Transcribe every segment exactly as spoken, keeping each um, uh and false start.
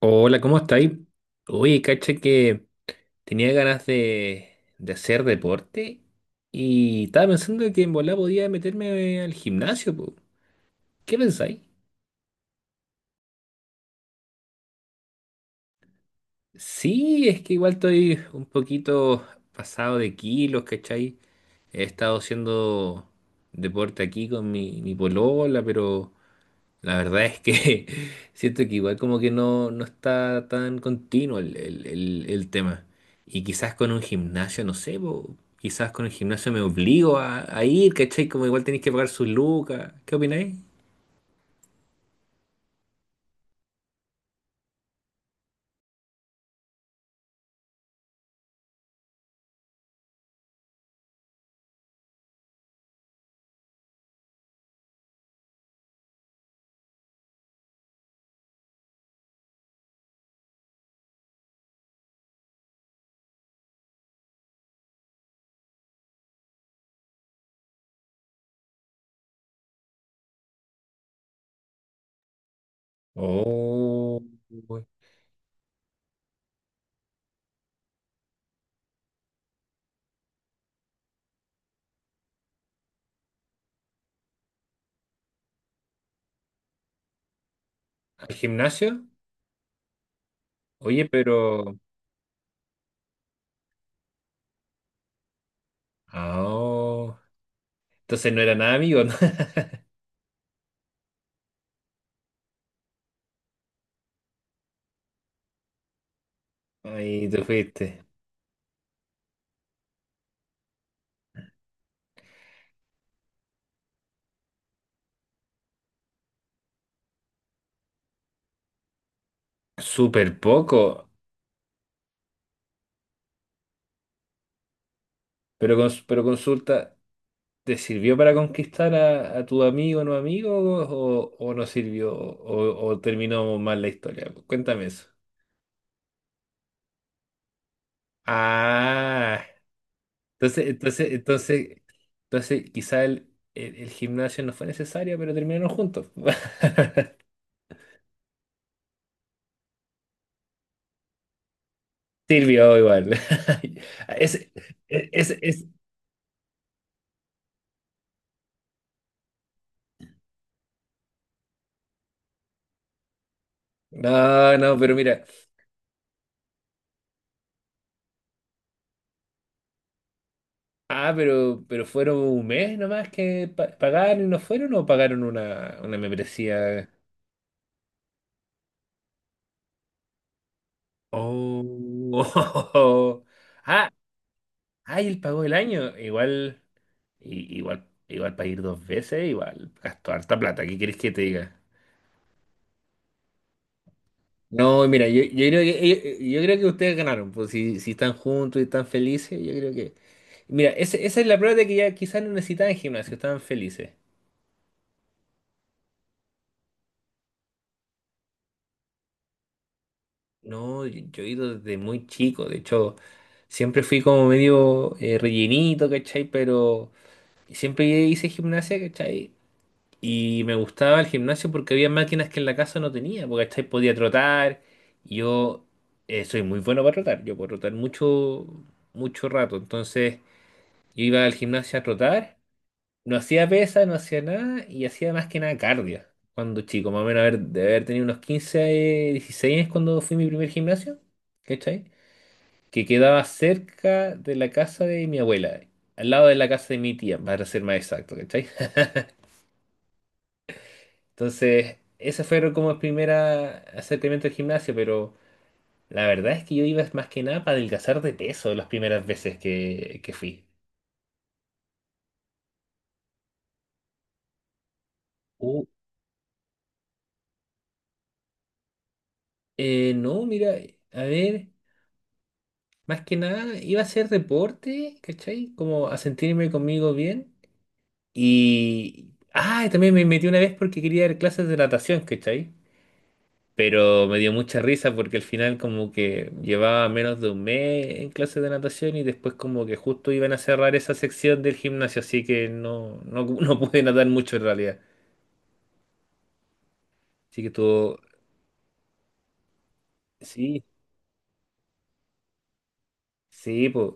Hola, ¿cómo estáis? Oye, cacha que tenía ganas de, de hacer deporte y estaba pensando que en volá podía meterme al gimnasio, po. ¿Qué pensáis? Sí, es que igual estoy un poquito pasado de kilos, ¿cachai? He estado haciendo deporte aquí con mi, mi polola, pero la verdad es que siento que igual como que no, no está tan continuo el, el- el- el tema. Y quizás con un gimnasio, no sé, po, quizás con el gimnasio me obligo a, a ir, ¿cachai? Como igual tenéis que pagar sus lucas. ¿Qué opináis? Oh, uy. ¿Al gimnasio? Oye, pero... Ah, oh. Entonces no eran amigos, ¿no? Ahí tú fuiste. Súper poco. Pero, cons- pero consulta. ¿Te sirvió para conquistar a, a tu amigo o no amigo o, o no sirvió o, o terminó mal la historia? Cuéntame eso. Ah, entonces, entonces, entonces, entonces quizá el, el- el gimnasio no fue necesario, pero terminaron juntos. Sirvió igual. Ese- e- ese- ese- No, no, pero mira. Ah, pero, pero fueron un mes nomás que pa- pagaron y no fueron o pagaron una, una membresía. Oh. Ah, ay, él pagó el año. Igual, i- igual, igual para ir dos veces, igual gastó harta plata. ¿Qué quieres que te diga? No, mira, yo, yo creo que yo, yo creo que ustedes ganaron, pues si, si están juntos y están felices, yo creo que. Mira, ese- esa es la prueba de que ya quizás no necesitaban gimnasio, estaban felices. No, yo, yo he ido desde muy chico, de hecho, siempre fui como medio eh, rellenito, ¿cachai? Pero siempre hice gimnasia, ¿cachai? Y me gustaba el gimnasio porque había máquinas que en la casa no tenía, porque ¿cachai? Podía trotar. Y yo eh, soy muy bueno para trotar, yo puedo trotar mucho, mucho rato. Entonces yo iba al gimnasio a trotar, no hacía pesa, no hacía nada y hacía más que nada cardio. Cuando chico, más o menos haber, de haber tenido unos quince eh, dieciséis años cuando fui a mi primer gimnasio, ¿cachai? Que quedaba cerca de la casa de mi abuela, al lado de la casa de mi tía, para ser más exacto, ¿cachai? Entonces, ese fueron como el primer acercamiento al gimnasio, pero la verdad es que yo iba más que nada para adelgazar de peso las primeras veces que, que fui. Uh, eh, no, mira, a ver, más que nada iba a hacer deporte, ¿cachai? Como a sentirme conmigo bien. Y... Ah, y también me metí una vez porque quería dar clases de natación, ¿cachai? Pero me dio mucha risa porque al final como que llevaba menos de un mes en clases de natación y después como que justo iban a cerrar esa sección del gimnasio, así que no, no, no pude nadar mucho en realidad. Así que todo, sí, sí, pues.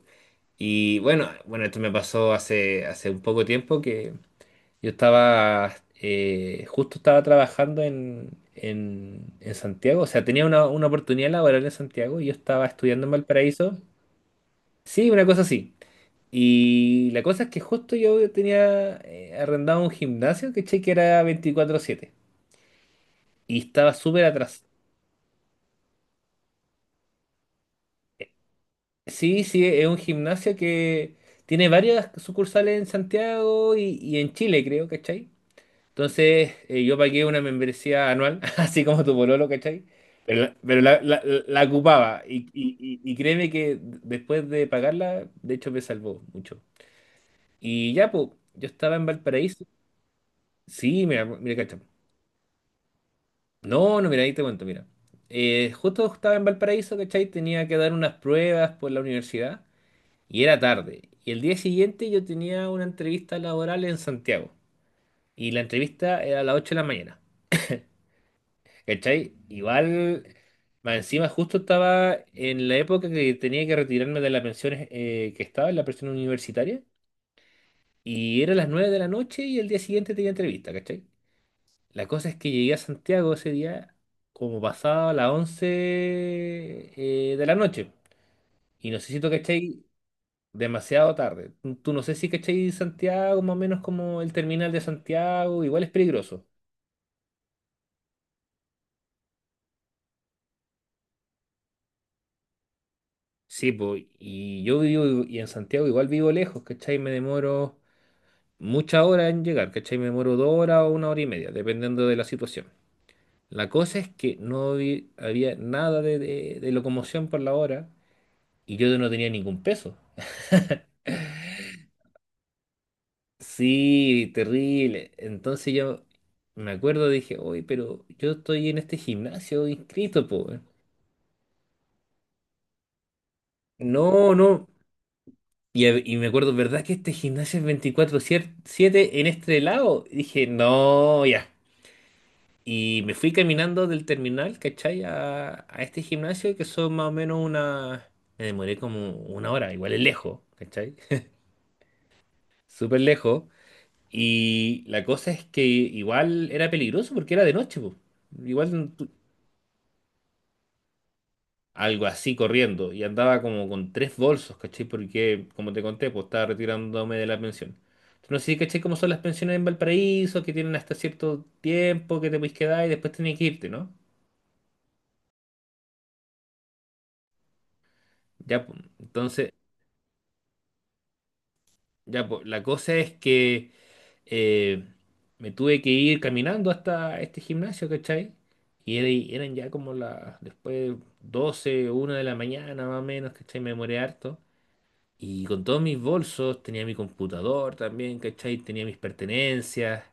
Y bueno, bueno, esto me pasó hace, hace un poco tiempo que yo estaba, eh, justo estaba trabajando en, en, en Santiago, o sea, tenía una, una oportunidad laboral en Santiago y yo estaba estudiando en Valparaíso. Sí, una cosa así. Y la cosa es que justo yo tenía eh, arrendado un gimnasio, ¿cachai? Que era veinticuatro siete. Y estaba súper atrás. Sí, sí, es un gimnasio que tiene varias sucursales en Santiago y, y en Chile, creo, ¿cachai? Entonces eh, yo pagué una membresía anual, así como tu pololo, ¿cachai? Pero, la, pero la- la- la ocupaba. Y, y, y y créeme que después de pagarla, de hecho me salvó mucho. Y ya, pues, yo estaba en Valparaíso. Sí, mira, mira, cacha. No, no, mira, ahí te cuento, mira. Eh, justo estaba en Valparaíso, ¿cachai? Tenía que dar unas pruebas por la universidad y era tarde. Y el día siguiente yo tenía una entrevista laboral en Santiago y la entrevista era a las ocho de la mañana, ¿cachai? Igual, más encima justo estaba en la época que tenía que retirarme de la pensión eh, que estaba, en la pensión universitaria, y era las nueve de la noche y el día siguiente tenía entrevista, ¿cachai? La cosa es que llegué a Santiago ese día como pasado a las once eh, de la noche. Y no sé si tú cachai demasiado tarde. Tú tú no sé si cachai Santiago, más o menos como el terminal de Santiago, igual es peligroso. Sí, pues, y yo vivo i- y en Santiago igual vivo lejos, ¿cachai? Me demoro muchas horas en llegar, ¿cachai? Me demoro dos horas o una hora y media, dependiendo de la situación. La cosa es que no vi- había nada de, de de locomoción por la hora y yo no tenía ningún peso. Sí, terrible. Entonces yo me acuerdo, dije, oye, pero yo estoy en este gimnasio inscrito, po. Weón". No, no. Y, a- y me acuerdo, ¿verdad que este gimnasio es veinticuatro siete en este lado? Y dije, no, ya. Y me fui caminando del terminal, ¿cachai? A, a este gimnasio que son más o menos una... Me demoré como una hora, igual es lejos, ¿cachai? Súper lejos. Y la cosa es que igual era peligroso porque era de noche, po. Igual algo así corriendo y andaba como con tres bolsos, ¿cachai? Porque, como te conté, pues estaba retirándome de la pensión. Entonces, no sé si cachai cómo son las pensiones en Valparaíso, que tienen hasta cierto tiempo que te puedes quedar y después tienes que irte, ¿no? Ya, pues, entonces, ya, pues, la cosa es que eh, me tuve que ir caminando hasta este gimnasio, ¿cachai? Y era- y eran ya como las, después doce una de la mañana más o menos, ¿cachai? Me demoré harto. Y con todos mis bolsos, tenía mi computador también, ¿cachai? Tenía mis pertenencias.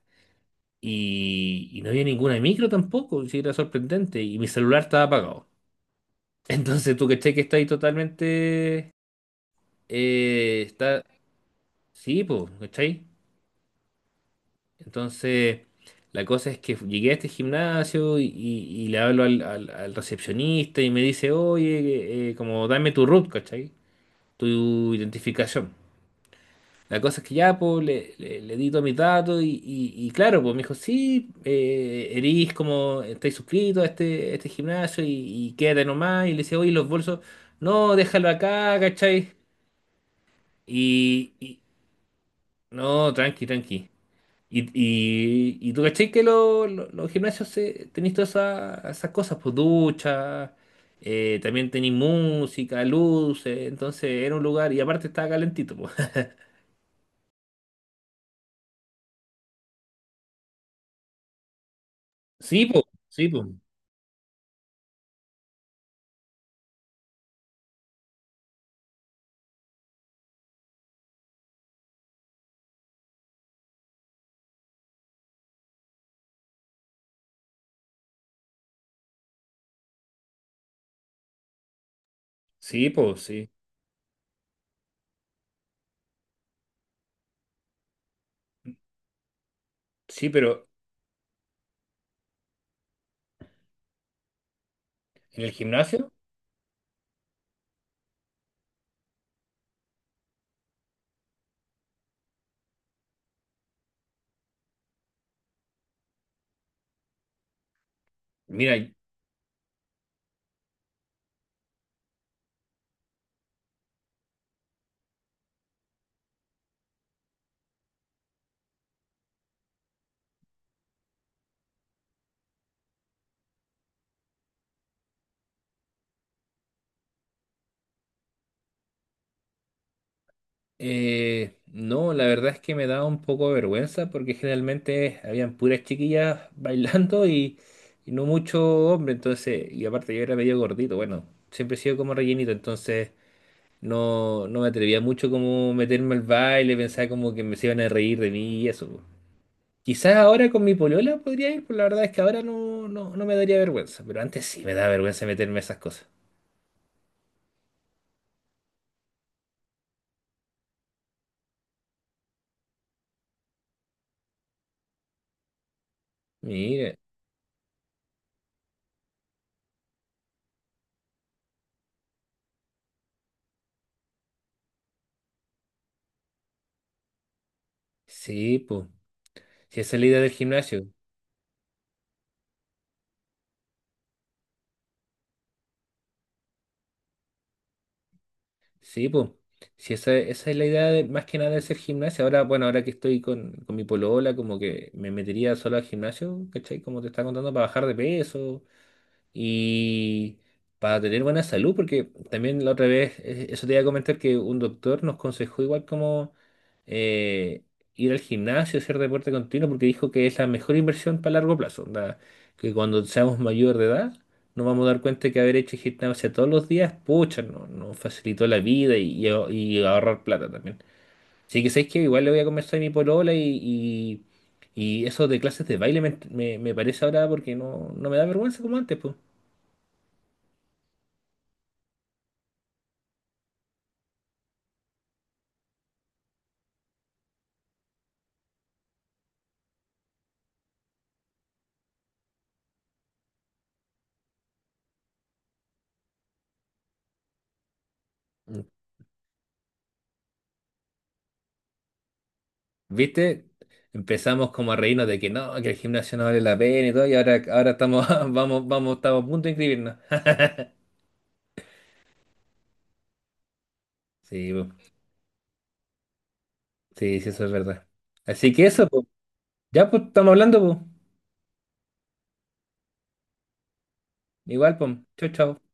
Y, y no había ninguna micro tampoco, si era sorprendente. Y mi celular estaba apagado. Entonces tú, ¿cachai? Que está ahí totalmente... eh, está... Sí, pues, ¿cachai? Entonces, la cosa es que llegué a este gimnasio y, y- y le hablo al, al- al recepcionista y me dice, oye, eh, como dame tu root, ¿cachai? Tu identificación. La cosa es que ya, pues, le, le, le di todos mis datos y, y- y claro, pues me dijo, sí, eh, erís como, estáis suscrito a este, a este gimnasio y, y quédate nomás. Y le decía, oye, los bolsos, no, déjalo acá, ¿cachai? Y, y- no, tranqui, tranqui. Y, y, y tú, ¿cachai? Que lo- lo- los gimnasios se, tenéis todas esas, esas cosas, pues ducha, eh, también tenéis música, luces, entonces era un lugar y aparte estaba calentito, pues. Sí, pues, sí, pues, sí, pues, sí. Sí, pero en el gimnasio, mira, eh, no, la verdad es que me da un poco de vergüenza porque generalmente habían puras chiquillas bailando y, y no mucho hombre, entonces, y aparte yo era medio gordito, bueno, siempre he sido como rellenito, entonces no, no me atrevía mucho como meterme al baile, pensaba como que me se iban a reír de mí y eso. Po. Quizás ahora con mi polola podría ir, pero la verdad es que ahora no, no, no me daría vergüenza, pero antes sí me daba vergüenza meterme a esas cosas. Mire, sí, pues. Si esa es la idea del gimnasio. Sí, pues. Si esa, esa es la idea de- más que nada de hacer gimnasio. Ahora, bueno, ahora que estoy con, con mi polola, como que me metería solo al gimnasio, ¿cachai? Como te estaba contando, para bajar de peso. Y para tener buena salud, porque también la otra vez, eh, eso te iba a comentar que un doctor nos aconsejó igual como eh, ir al gimnasio, hacer deporte continuo, porque dijo que es la mejor inversión para largo plazo, onda, que cuando seamos mayor de edad nos vamos a dar cuenta que haber hecho gimnasia todos los días, pucha, no- nos facilitó la vida y, y a- y ahorrar plata también. Así que sabéis que igual le voy a conversar a mi polola y, y, y eso de clases de baile me, me- me parece ahora porque no, no me da vergüenza como antes, pues. ¿Viste? Empezamos como a reírnos de que no, que el gimnasio no vale la pena y todo, y ahora, ahora estamos, vamos, vamos, estamos a punto de inscribirnos. Sí, po. Sí, sí, eso es verdad. Así que eso, po. Ya, pues, estamos hablando, po. Igual, pues. Chau, chau.